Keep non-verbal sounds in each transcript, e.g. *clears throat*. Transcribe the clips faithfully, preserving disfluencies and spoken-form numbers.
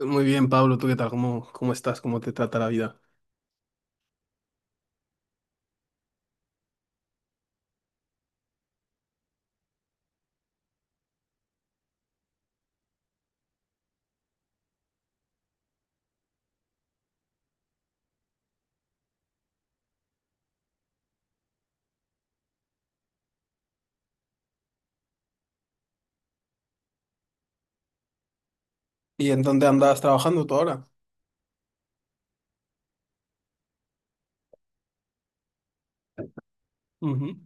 Muy bien, Pablo, ¿tú qué tal? ¿Cómo, cómo estás? ¿Cómo te trata la vida? ¿Y en dónde andas trabajando tú ahora? Ujú.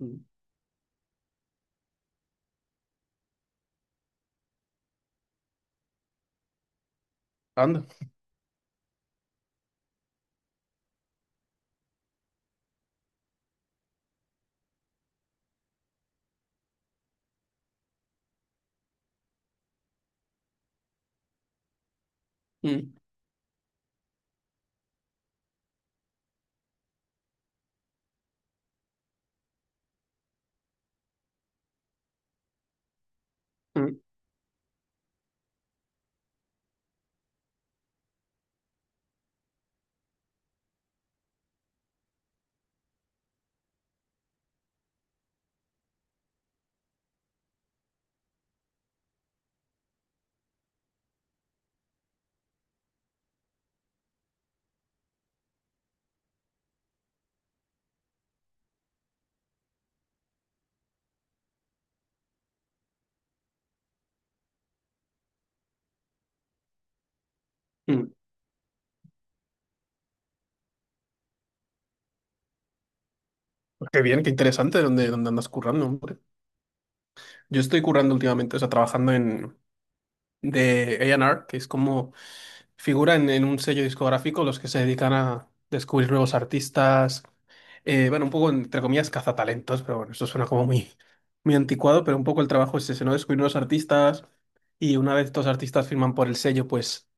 Mm. Anda. Mm, mm, mm. Pues qué bien, qué interesante dónde, dónde andas currando, hombre. Yo estoy currando últimamente, o sea, trabajando en de A y R, que es como figura en, en un sello discográfico los que se dedican a descubrir nuevos artistas, eh, bueno, un poco entre comillas cazatalentos, pero bueno, eso suena como muy, muy anticuado, pero un poco el trabajo es ese, ¿no? Descubrir nuevos artistas y una vez estos artistas firman por el sello, pues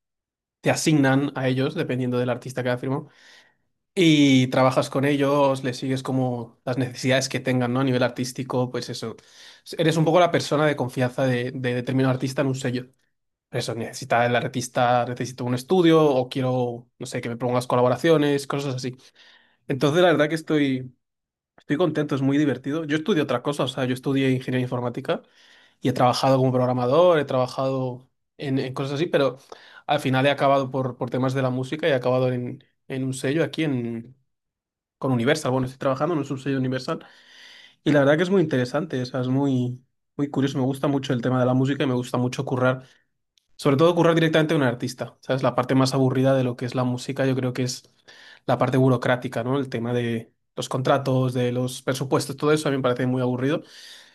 te asignan a ellos, dependiendo del artista que ha firmado, y trabajas con ellos, les sigues como las necesidades que tengan, ¿no? A nivel artístico, pues eso. Eres un poco la persona de confianza de, de determinado artista en un sello. Eso, necesita el artista, necesito un estudio o quiero, no sé, que me pongas colaboraciones, cosas así. Entonces, la verdad que estoy, estoy contento, es muy divertido. Yo estudié otra cosa, o sea, yo estudié ingeniería informática y he trabajado como programador, he trabajado en, en cosas así, pero al final he acabado por, por temas de la música y he acabado en, en un sello aquí en, con Universal. Bueno, estoy trabajando en un sello Universal y la verdad que es muy interesante, o sea, es muy, muy curioso. Me gusta mucho el tema de la música y me gusta mucho currar, sobre todo currar directamente a un artista, ¿sabes? La parte más aburrida de lo que es la música, yo creo que es la parte burocrática, ¿no? El tema de los contratos, de los presupuestos, todo eso a mí me parece muy aburrido.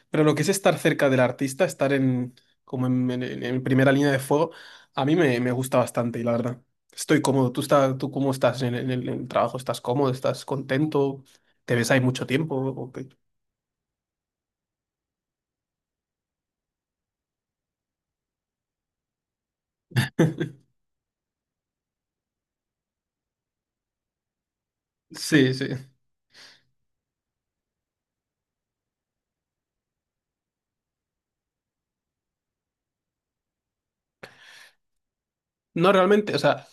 Pero lo que es estar cerca del artista, estar en, como en, en- en- primera línea de fuego, a mí me, me gusta bastante y la verdad. Estoy cómodo. ¿Tú, está tú cómo estás en, el en el- en el trabajo? ¿Estás cómodo? ¿Estás contento? ¿Te ves ahí mucho tiempo? ¿O qué? Sí, sí. No, realmente, o sea,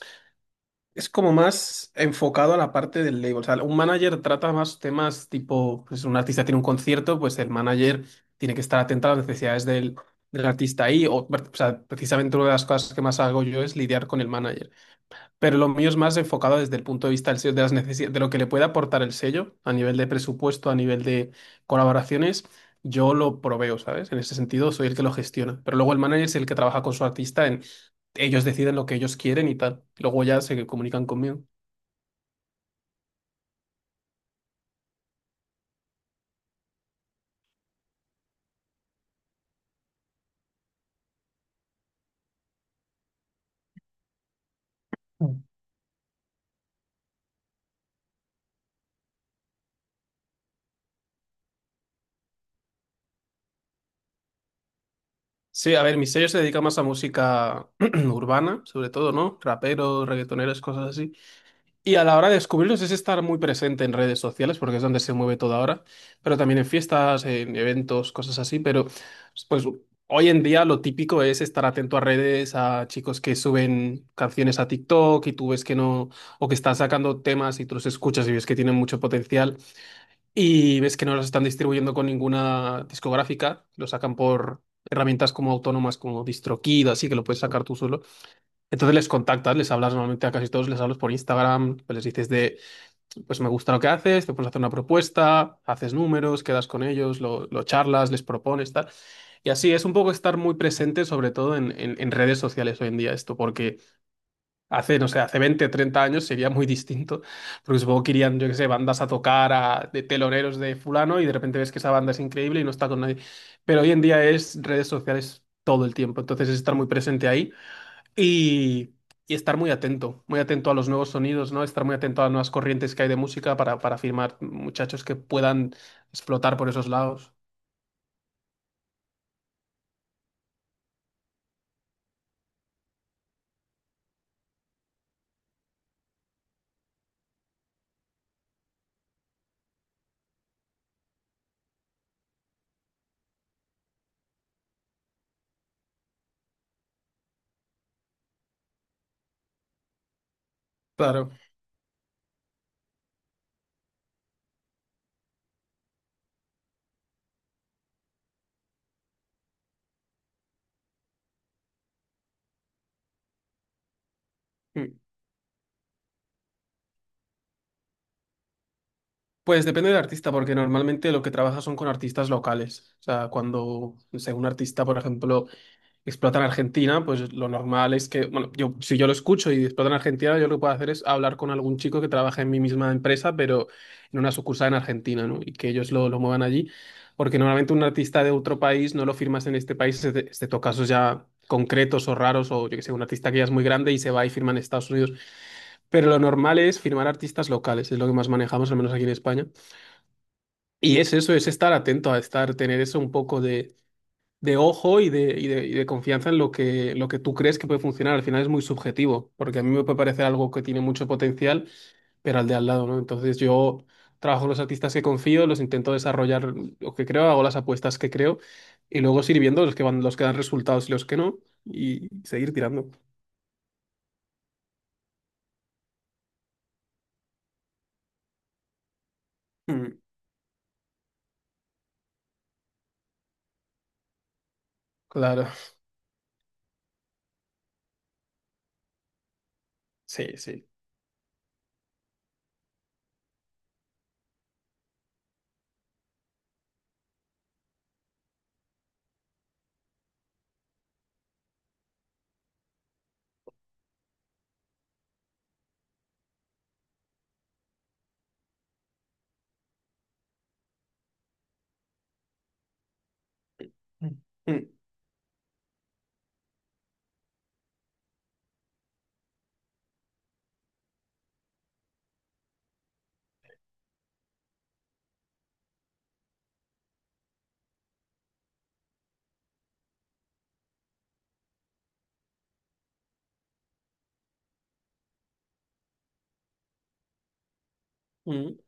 es como más enfocado a la parte del label. O sea, un manager trata más temas tipo, pues un artista tiene un concierto, pues el manager tiene que estar atento a las necesidades del, del artista ahí. O, o sea, precisamente una de las cosas que más hago yo es lidiar con el manager. Pero lo mío es más enfocado desde el punto de vista del sello, de las necesi- de lo que le puede aportar el sello a nivel de presupuesto, a nivel de colaboraciones. Yo lo proveo, ¿sabes? En ese sentido, soy el que lo gestiona. Pero luego el manager es el que trabaja con su artista en ellos deciden lo que ellos quieren y tal. Luego ya se comunican conmigo. Sí, a ver, mi sello se dedica más a música *clears throat* urbana, sobre todo, ¿no? Raperos, reggaetoneros, cosas así. Y a la hora de descubrirlos es estar muy presente en redes sociales, porque es donde se mueve todo ahora, pero también en fiestas, en eventos, cosas así. Pero pues hoy en día lo típico es estar atento a redes, a chicos que suben canciones a TikTok y tú ves que no, o que están sacando temas y tú los escuchas y ves que tienen mucho potencial y ves que no los están distribuyendo con ninguna discográfica, lo sacan por herramientas como autónomas, como DistroKid, así que lo puedes sacar tú solo. Entonces les contactas, les hablas normalmente a casi todos, les hablas por Instagram, pues les dices de, pues me gusta lo que haces, te pones a hacer una propuesta, haces números, quedas con ellos, lo, lo charlas, les propones, tal. Y así es un poco estar muy presente, sobre todo en, en- en redes sociales hoy en día esto, porque hace, no sé, hace veinte treinta años sería muy distinto, porque supongo que irían, yo qué sé, bandas a tocar a- de teloneros de fulano y de repente ves que esa banda es increíble y no está con nadie. Pero hoy en día es redes sociales todo el tiempo, entonces es estar muy presente ahí y, y estar muy atento, muy atento a los nuevos sonidos, ¿no? Estar muy atento a las nuevas corrientes que hay de música para, para firmar muchachos que puedan explotar por esos lados. Claro. Mm. Pues depende del artista, porque normalmente lo que trabaja son con artistas locales. O sea, cuando, no sé, un artista, por ejemplo, explotan a Argentina, pues lo normal es que, bueno, yo, si yo lo escucho y explotan a Argentina, yo lo que puedo hacer es hablar con algún chico que trabaja en mi misma empresa, pero en una sucursal en Argentina, ¿no? Y que ellos lo, lo muevan allí, porque normalmente un artista de otro país no lo firmas en este país, exce- excepto casos ya concretos o raros, o yo que sé, un artista que ya es muy grande y se va y firma en Estados Unidos. Pero lo normal es firmar artistas locales, es lo que más manejamos, al menos aquí en España. Y es eso, es estar atento a estar, tener eso un poco de de ojo y de, y de, y de confianza en lo que, lo que tú crees que puede funcionar. Al final es muy subjetivo, porque a mí me puede parecer algo que tiene mucho potencial, pero al de al lado, ¿no? Entonces yo trabajo con los artistas que confío, los intento desarrollar lo que creo, hago las apuestas que creo, y luego seguir viendo los que van, los que dan resultados y los que no, y seguir tirando. Mm, claro, sí, sí. Mm, mm,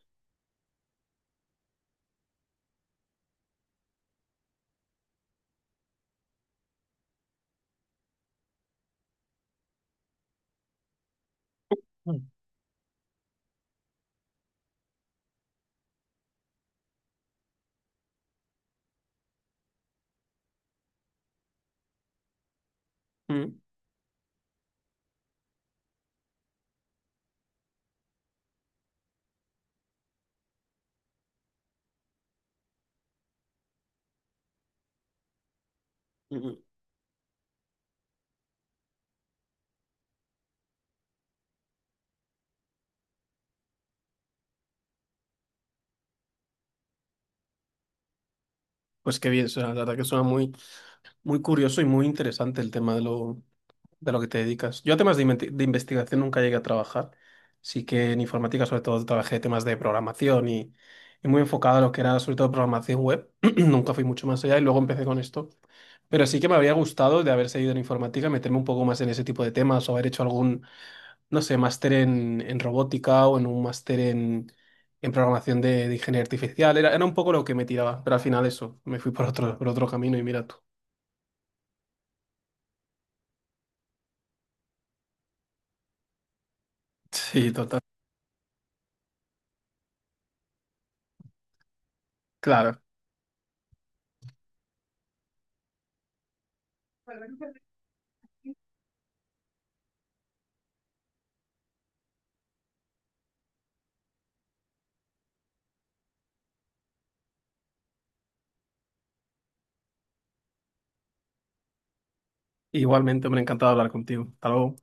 mm, mm, mm. Pues qué bien, o sea la verdad que suena muy, muy curioso y muy interesante el tema de lo, de lo que te dedicas. Yo a temas de, inventi- de investigación nunca llegué a trabajar. Sí que en informática sobre todo trabajé temas de programación y, y muy enfocado a lo que era sobre todo programación web. *clears throat* Nunca fui mucho más allá y luego empecé con esto. Pero sí que me habría gustado de haber seguido en informática, meterme un poco más en ese tipo de temas o haber hecho algún, no sé, máster en, en robótica o en un máster en, en programación de, de ingeniería artificial. Era, era un poco lo que me tiraba, pero al final eso, me fui por otro, por otro camino y mira tú. *laughs* Sí, total. Claro. Igualmente, me ha encantado hablar contigo. Hasta luego.